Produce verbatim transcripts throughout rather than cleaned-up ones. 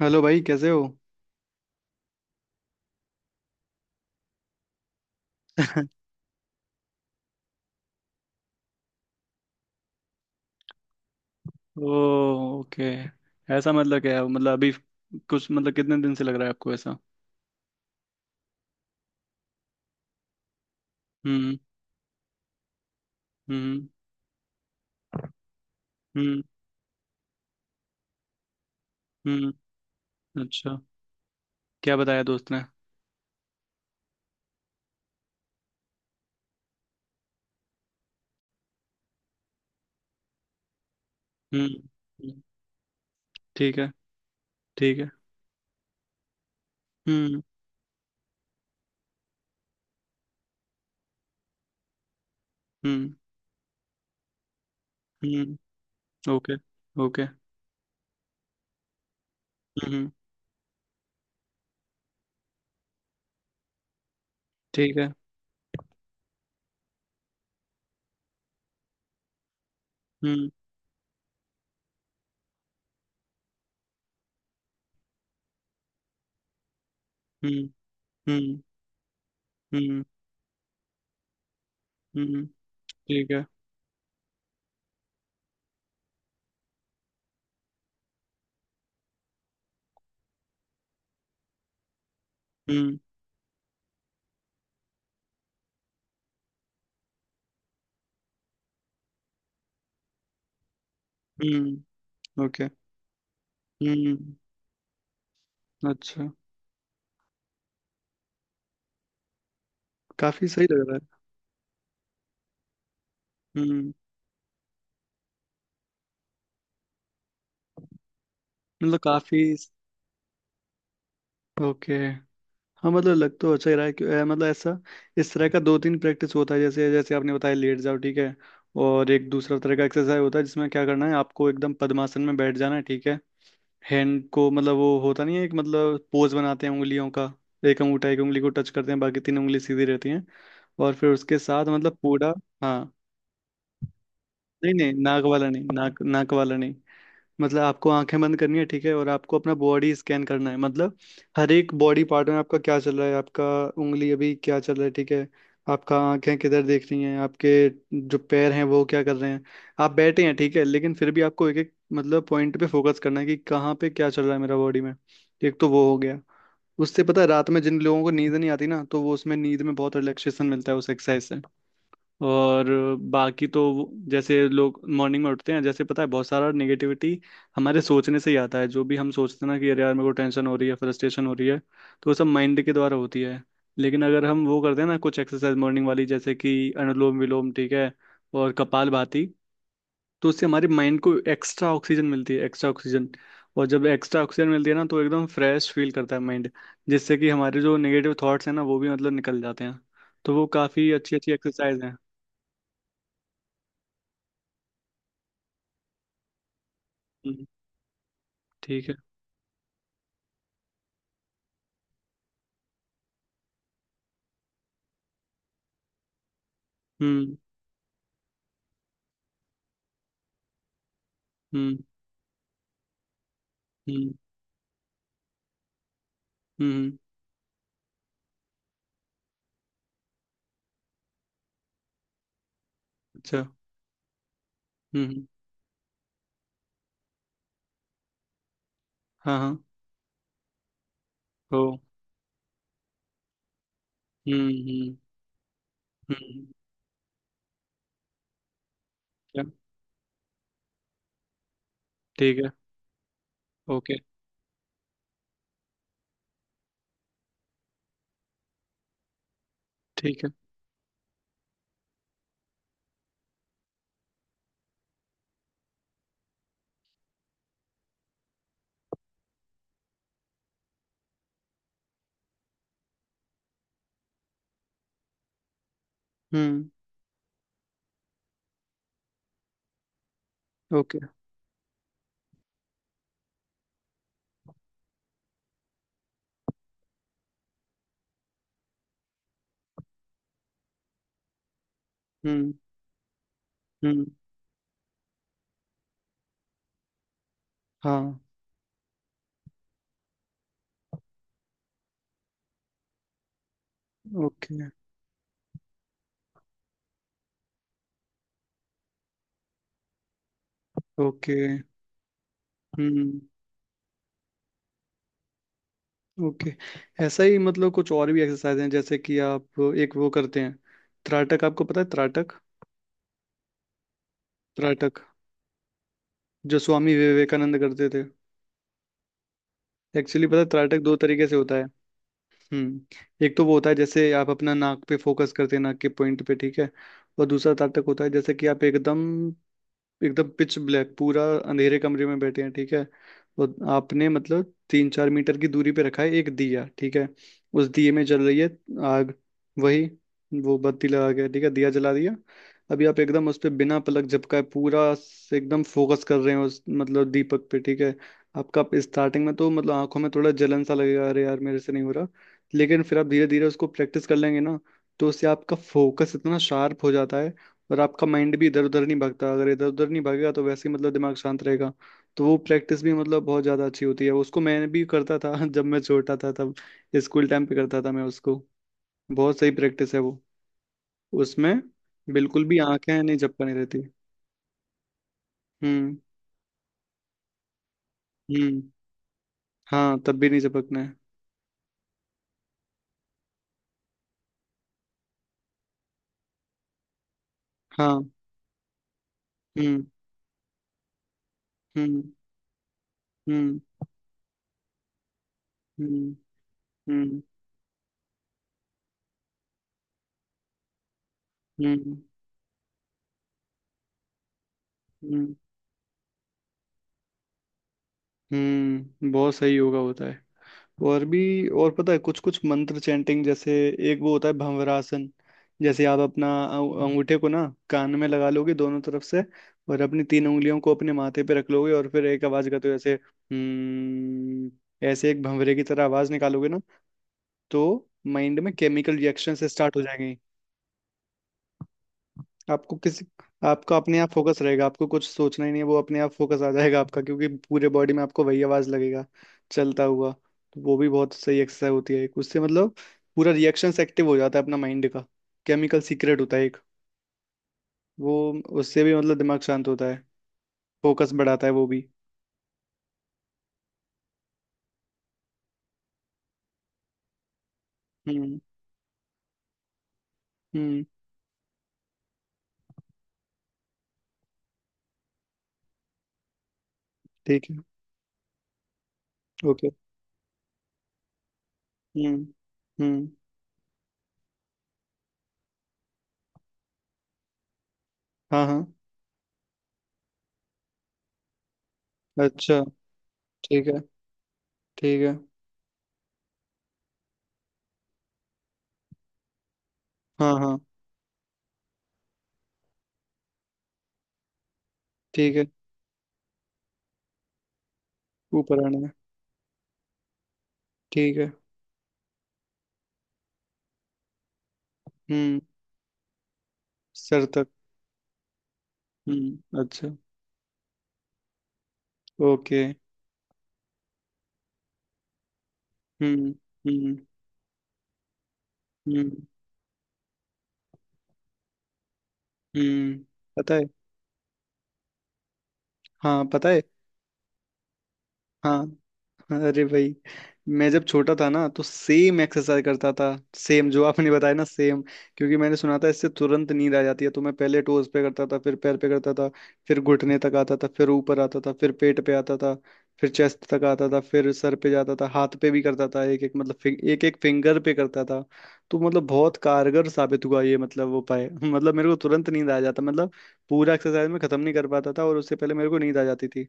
Hello भाई, कैसे हो? ओ ओके। ऐसा मतलब क्या है? मतलब अभी कुछ, मतलब कितने दिन से लग रहा है आपको ऐसा? हम्म। हम्म। हम्म। हम्म। अच्छा। क्या बताया दोस्त ने? हम्म। हम्म, ठीक है। ठीक है। हम्म। हम्म। हम्म। ओके। ओके। हम्म। हम्म, ठीक है। हम्म। हम्म। हम्म। हम्म। हम्म। ठीक है। हम्म। हम्म। ओके। हम्म। अच्छा। काफी सही लग रहा है। हम्म। मतलब काफी। ओके। हाँ, मतलब लग तो अच्छा ही रहा है। क्यों- अ, मतलब ऐसा इस तरह का दो तीन प्रैक्टिस होता है, जैसे जैसे आपने बताया लेट जाओ, ठीक है। और एक दूसरा तरह का एक्सरसाइज होता है जिसमें क्या करना है, आपको एकदम पद्मासन में बैठ जाना है, ठीक है। हैंड को मतलब वो होता नहीं है एक, मतलब पोज बनाते हैं उंगलियों का। एक अंगूठा एक उंगली को टच करते हैं, बाकी तीन उंगली सीधी रहती हैं। और फिर उसके साथ मतलब पूरा। हाँ। नहीं नहीं, नाक वाला नहीं, नाक नाक वाला नहीं। मतलब आपको आंखें बंद करनी है, ठीक है, और आपको अपना बॉडी स्कैन करना है, मतलब हर एक बॉडी पार्ट में आपका क्या चल रहा है। आपका उंगली अभी क्या चल रहा है, ठीक है। आपका आंखें किधर देख रही हैं, आपके जो पैर हैं वो क्या कर रहे हैं। आप बैठे हैं, ठीक है, लेकिन फिर भी आपको एक एक मतलब पॉइंट पे फोकस करना है कि कहाँ पे क्या चल रहा है मेरा बॉडी में। एक तो वो हो गया। उससे, पता है, रात में जिन लोगों को नींद नहीं आती ना, तो वो उसमें नींद में बहुत रिलैक्सेशन मिलता है उस एक्सरसाइज से। और बाकी तो वो- जैसे लोग मॉर्निंग में उठते हैं, जैसे पता है बहुत सारा नेगेटिविटी हमारे सोचने से ही आता है। जो भी हम सोचते हैं ना कि अरे यार मेरे को टेंशन हो रही है, फ्रस्ट्रेशन हो रही है, तो वो सब माइंड के द्वारा होती है। लेकिन अगर हम वो करते हैं ना कुछ एक्सरसाइज मॉर्निंग वाली, जैसे कि अनुलोम विलोम, ठीक है, और कपालभाति, तो उससे हमारे माइंड को एक्स्ट्रा ऑक्सीजन मिलती है, एक्स्ट्रा ऑक्सीजन। और जब एक्स्ट्रा ऑक्सीजन मिलती है ना, तो एकदम फ्रेश फील करता है माइंड, जिससे कि हमारे जो नेगेटिव थॉट्स हैं ना, वो भी मतलब निकल जाते हैं। तो वो काफ़ी अच्छी अच्छी एक्सरसाइज हैं, ठीक है। हम्म। हम्म। हम्म। हम्म। अच्छा। हम्म। हम्म, हाँ हाँ। ओ। हम्म। हम्म। हम्म। क्या? ठीक है। ओके। ठीक है। हम्म। ओके। हम्म। हम्म। हाँ। ओके। ओके। हम्म। ओके। ऐसा ही मतलब कुछ और भी एक्सरसाइज हैं, जैसे कि आप एक वो करते हैं, त्राटक। आपको पता है त्राटक? त्राटक जो स्वामी विवेकानंद करते थे। एक्चुअली पता है त्राटक दो तरीके से होता है। हम्म। एक तो वो होता है जैसे आप अपना नाक पे फोकस करते हैं, नाक के पॉइंट पे, ठीक है। और दूसरा तब तक होता है जैसे कि आप एकदम एकदम पिच ब्लैक पूरा अंधेरे कमरे में बैठे हैं, ठीक है। तो आपने मतलब तीन चार मीटर की दूरी पे रखा है एक दिया, ठीक है। उस दिए में जल रही है आग। वही वो बत्ती लगा के, ठीक है, दिया जला दिया। अभी आप एकदम उस पे बिना पलक झपकाए पूरा से एकदम फोकस कर रहे हैं उस मतलब दीपक पे, ठीक है। आपका स्टार्टिंग में तो मतलब आंखों में थोड़ा जलन सा लगेगा, अरे यार मेरे से नहीं हो रहा। लेकिन फिर आप धीरे धीरे उसको प्रैक्टिस कर लेंगे ना, तो उससे आपका फोकस इतना शार्प हो जाता है। और आपका माइंड भी इधर उधर नहीं भागता, अगर इधर उधर नहीं भागेगा तो वैसे ही मतलब दिमाग शांत रहेगा। तो वो प्रैक्टिस भी मतलब बहुत ज़्यादा अच्छी होती है, उसको मैं भी करता था जब मैं छोटा था तब। स्कूल टाइम पे करता था मैं उसको। बहुत सही प्रैक्टिस है वो। उसमें बिल्कुल भी आंखें नहीं झपकनी रहती। हम्म। हम्म। हाँ, तब भी नहीं झपकना है। हाँ। हम्म। हम्म। हम्म। हम्म। हम्म। हम्म। हम्म। हम्म, बहुत सही योगा होता है। और भी, और पता है कुछ कुछ मंत्र चैंटिंग, जैसे एक वो होता है भंवरासन। जैसे आप अपना अंग- अंगूठे को ना कान में लगा लोगे दोनों तरफ से, और अपनी तीन उंगलियों को अपने माथे पे रख लोगे और फिर एक आवाज करते हो जैसे हम्म, ऐसे एक भंवरे की तरह आवाज निकालोगे ना, तो माइंड में केमिकल रिएक्शन से स्टार्ट हो जाएंगे। आपको किसी आपका अपने आप फोकस रहेगा, आपको कुछ सोचना ही नहीं है, वो अपने आप फोकस आ जाएगा आपका, क्योंकि पूरे बॉडी में आपको वही आवाज लगेगा चलता हुआ। तो वो भी बहुत सही एक्सरसाइज होती है एक, उससे मतलब पूरा रिएक्शन एक्टिव हो जाता है अपना माइंड का, केमिकल सीक्रेट होता है एक। वो उससे भी मतलब दिमाग शांत होता है, फोकस बढ़ाता है वो भी। हम्म। हम्म। ठीक है। ओके। हम्म। हम्म। हाँ हाँ। अच्छा। ठीक है। ठीक है। हाँ हाँ। ठीक है। ऊपर आने में। ठीक है। हम्म। सर तक। हम्म। अच्छा। ओके। हम्म। हम्म। हम्म। हम्म। पता है, हाँ पता है। हाँ। अरे भाई, मैं जब छोटा था ना तो सेम एक्सरसाइज करता था, सेम जो आपने बताया ना, सेम। क्योंकि मैंने सुना था इससे तुरंत नींद आ जाती है, तो मैं पहले टोज पे करता था, फिर पैर पे करता था, फिर घुटने तक आता था, फिर ऊपर आता था, फिर पेट पे आता था, फिर चेस्ट तक आता था, फिर सर पे जाता था, हाथ पे भी करता था, एक एक मतलब एक एक फिंगर पे करता था। तो मतलब बहुत कारगर साबित हुआ ये मतलब वो उपाय, मतलब मेरे को तुरंत नींद आ जाता, मतलब पूरा एक्सरसाइज में खत्म नहीं कर पाता था और उससे पहले मेरे को नींद आ जाती थी।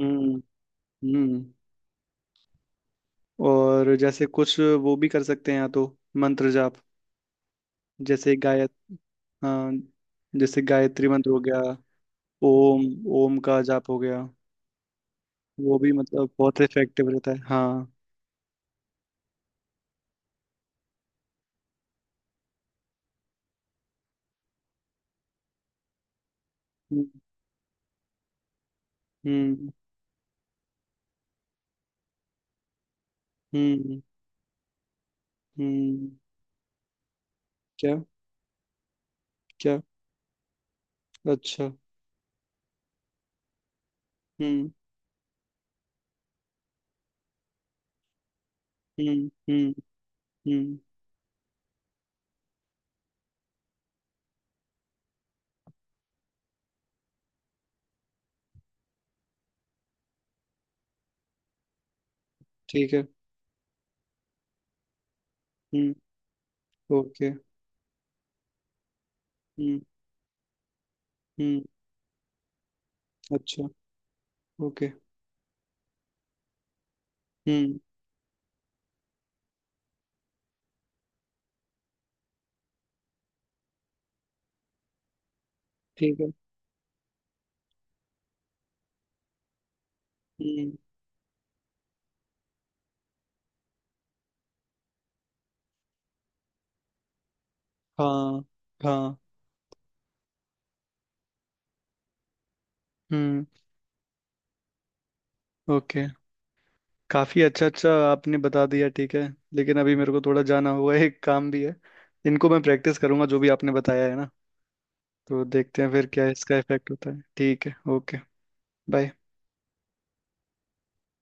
हम्म। हम्म। और जैसे कुछ वो भी कर सकते हैं, या तो मंत्र जाप, जैसे गाय हाँ, जैसे गायत्री मंत्र हो गया, ओम, ओम का जाप हो गया। वो भी मतलब बहुत इफेक्टिव रहता है, हाँ। हम्म। हम्म। हम्म। हम्म, क्या? क्या? अच्छा। हम्म। हम्म। हम्म। हम्म। ठीक है। हम्म। ओके। हम्म। हम्म। अच्छा। ओके। हम्म। ठीक है। हम्म। हाँ हाँ। हम्म। ओके। काफी अच्छा अच्छा आपने बता दिया, ठीक है। लेकिन अभी मेरे को थोड़ा जाना होगा, एक काम भी है। इनको मैं प्रैक्टिस करूंगा जो भी आपने बताया है ना। तो देखते हैं फिर क्या इसका इफेक्ट होता है। ठीक है, ओके, बाय।